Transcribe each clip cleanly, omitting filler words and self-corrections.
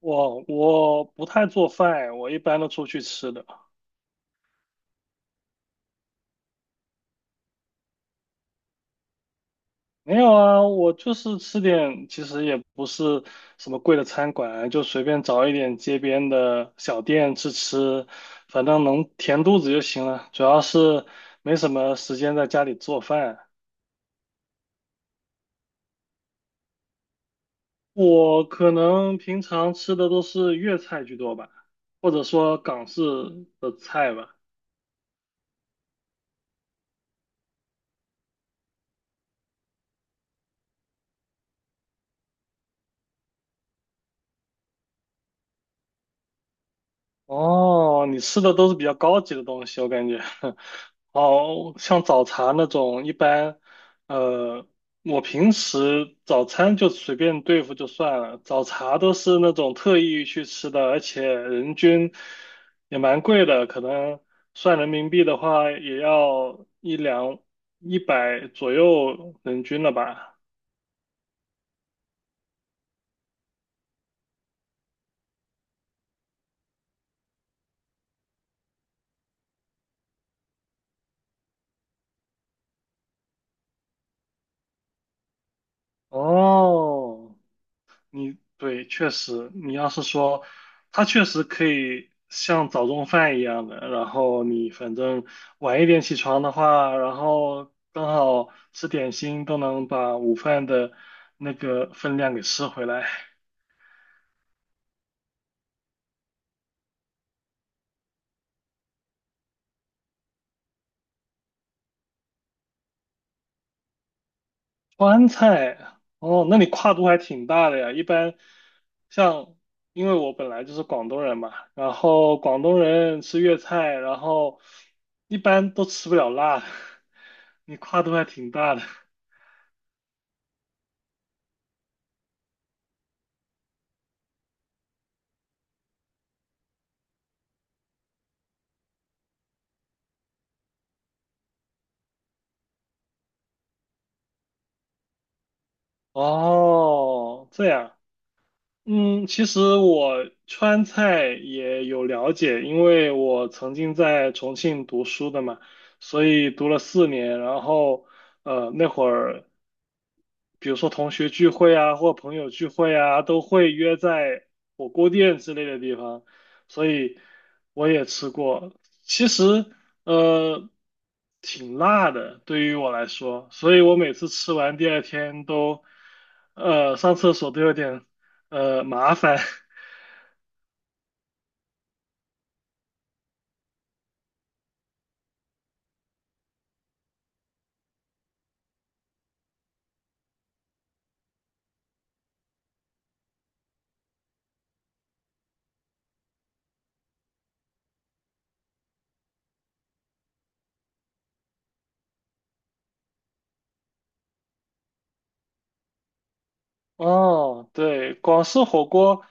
我不太做饭，我一般都出去吃的。没有啊，我就是吃点，其实也不是什么贵的餐馆，就随便找一点街边的小店吃吃，反正能填肚子就行了。主要是没什么时间在家里做饭，我可能平常吃的都是粤菜居多吧，或者说港式的菜吧。哦，你吃的都是比较高级的东西，我感觉。哦，像早茶那种，一般，呃，我平时早餐就随便对付就算了，早茶都是那种特意去吃的，而且人均也蛮贵的，可能算人民币的话也要一两100左右人均了吧。哦，你对，确实，你要是说，它确实可以像早中饭一样的，然后你反正晚一点起床的话，然后刚好吃点心，都能把午饭的那个分量给吃回来。川菜，哦，那你跨度还挺大的呀。一般像，因为我本来就是广东人嘛，然后广东人吃粤菜，然后一般都吃不了辣的，你跨度还挺大的。哦，这样嗯，其实我川菜也有了解，因为我曾经在重庆读书的嘛，所以读了4年。然后，那会儿，比如说同学聚会啊，或朋友聚会啊，都会约在火锅店之类的地方，所以我也吃过。其实，呃，挺辣的，对于我来说，所以我每次吃完第二天都，上厕所都有点。麻烦。哦，对，广式火锅，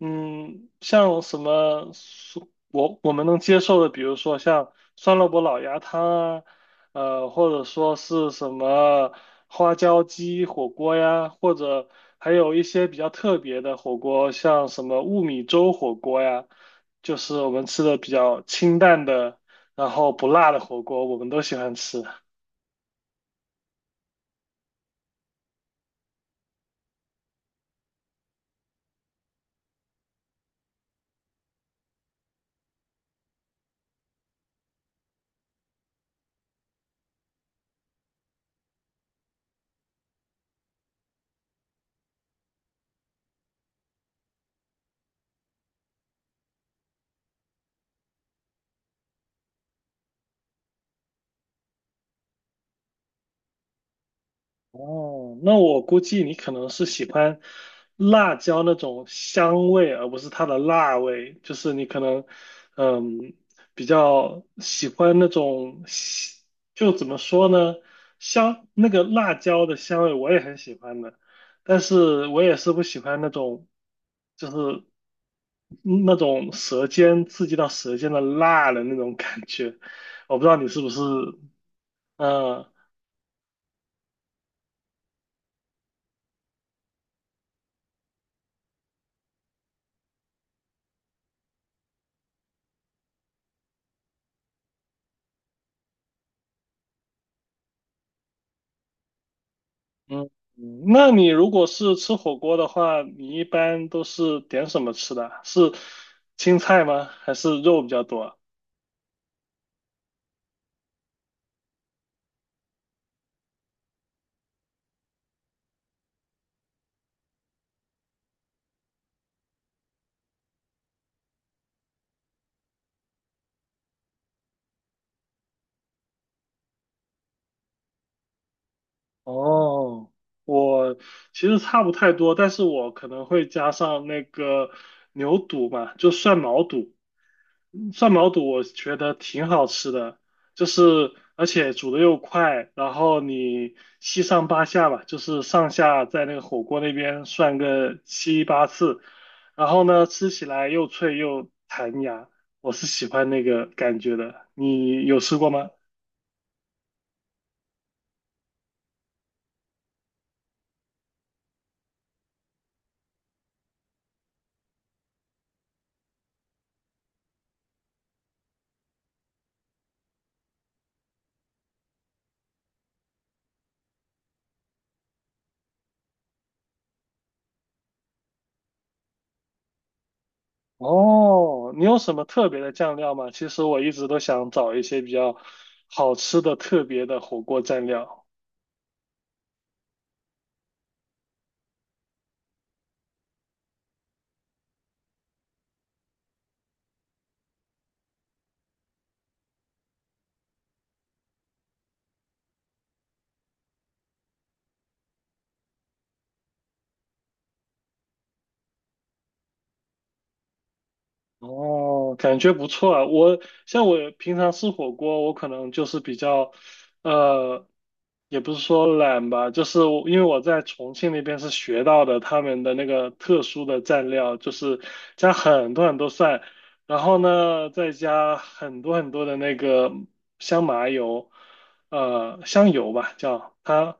嗯，像什么我们能接受的，比如说像酸萝卜老鸭汤啊，或者说是什么花椒鸡火锅呀，或者还有一些比较特别的火锅，像什么雾米粥火锅呀，就是我们吃的比较清淡的，然后不辣的火锅，我们都喜欢吃。哦，那我估计你可能是喜欢辣椒那种香味，而不是它的辣味。就是你可能，嗯，比较喜欢那种香就怎么说呢，香，那个辣椒的香味我也很喜欢的，但是我也是不喜欢那种，就是嗯那种舌尖刺激到舌尖的辣的那种感觉。我不知道你是不是，嗯、嗯，那你如果是吃火锅的话，你一般都是点什么吃的啊是青菜吗？还是肉比较多啊哦，我其实差不太多，但是我可能会加上那个牛肚嘛，就涮毛肚。涮毛肚我觉得挺好吃的，就是而且煮的又快，然后你七上八下吧，就是上下在那个火锅那边涮个七八次，然后呢吃起来又脆又弹牙，我是喜欢那个感觉的。你有吃过吗？哦，你有什么特别的酱料吗？其实我一直都想找一些比较好吃的特别的火锅蘸料。哦，感觉不错啊。我像我平常吃火锅，我可能就是比较，呃，也不是说懒吧，就是我因为我在重庆那边是学到的他们的那个特殊的蘸料，就是加很多很多蒜，然后呢再加很多很多的那个香麻油，呃，香油吧叫他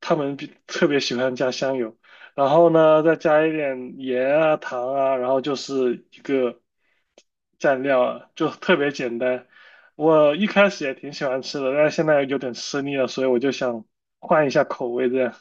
他们特别喜欢加香油。然后呢，再加一点盐啊、糖啊，然后就是一个。蘸料啊，就特别简单。我一开始也挺喜欢吃的，但是现在有点吃腻了，所以我就想换一下口味这样。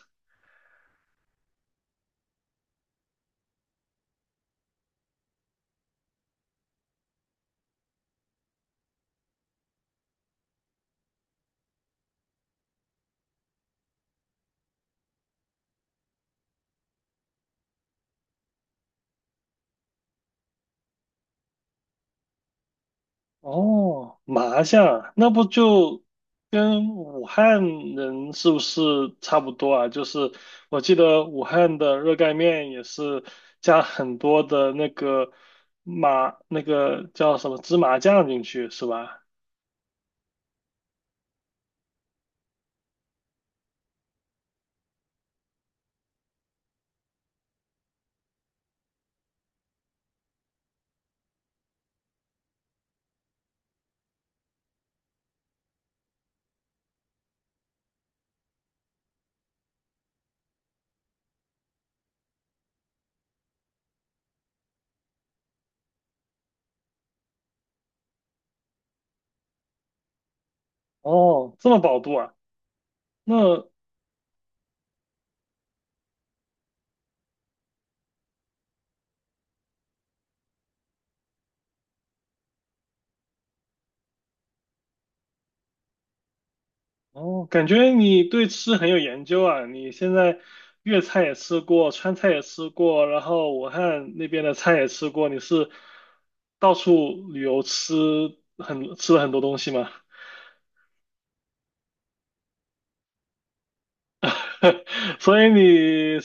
哦，麻酱，那不就跟武汉人是不是差不多啊？就是我记得武汉的热干面也是加很多的那个麻，那个叫什么芝麻酱进去，是吧？哦，这么饱肚啊？那哦，感觉你对吃很有研究啊！你现在粤菜也吃过，川菜也吃过，然后武汉那边的菜也吃过，你是到处旅游吃很吃了很多东西吗？所以你，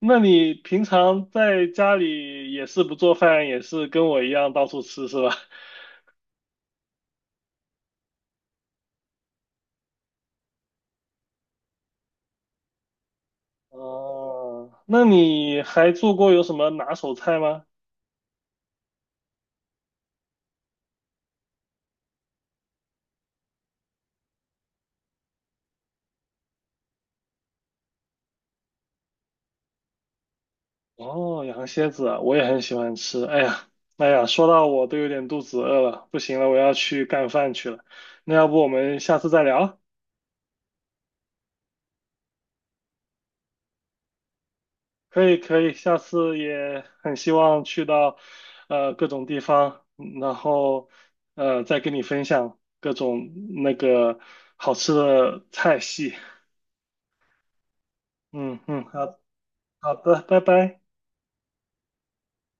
那你平常在家里也是不做饭，也是跟我一样到处吃是吧？哦，那你还做过有什么拿手菜吗？哦，羊蝎子啊，我也很喜欢吃。哎呀，哎呀，说到我都有点肚子饿了，不行了，我要去干饭去了。那要不我们下次再聊？可以，可以，下次也很希望去到各种地方，然后再跟你分享各种那个好吃的菜系。嗯嗯，好好的，拜拜。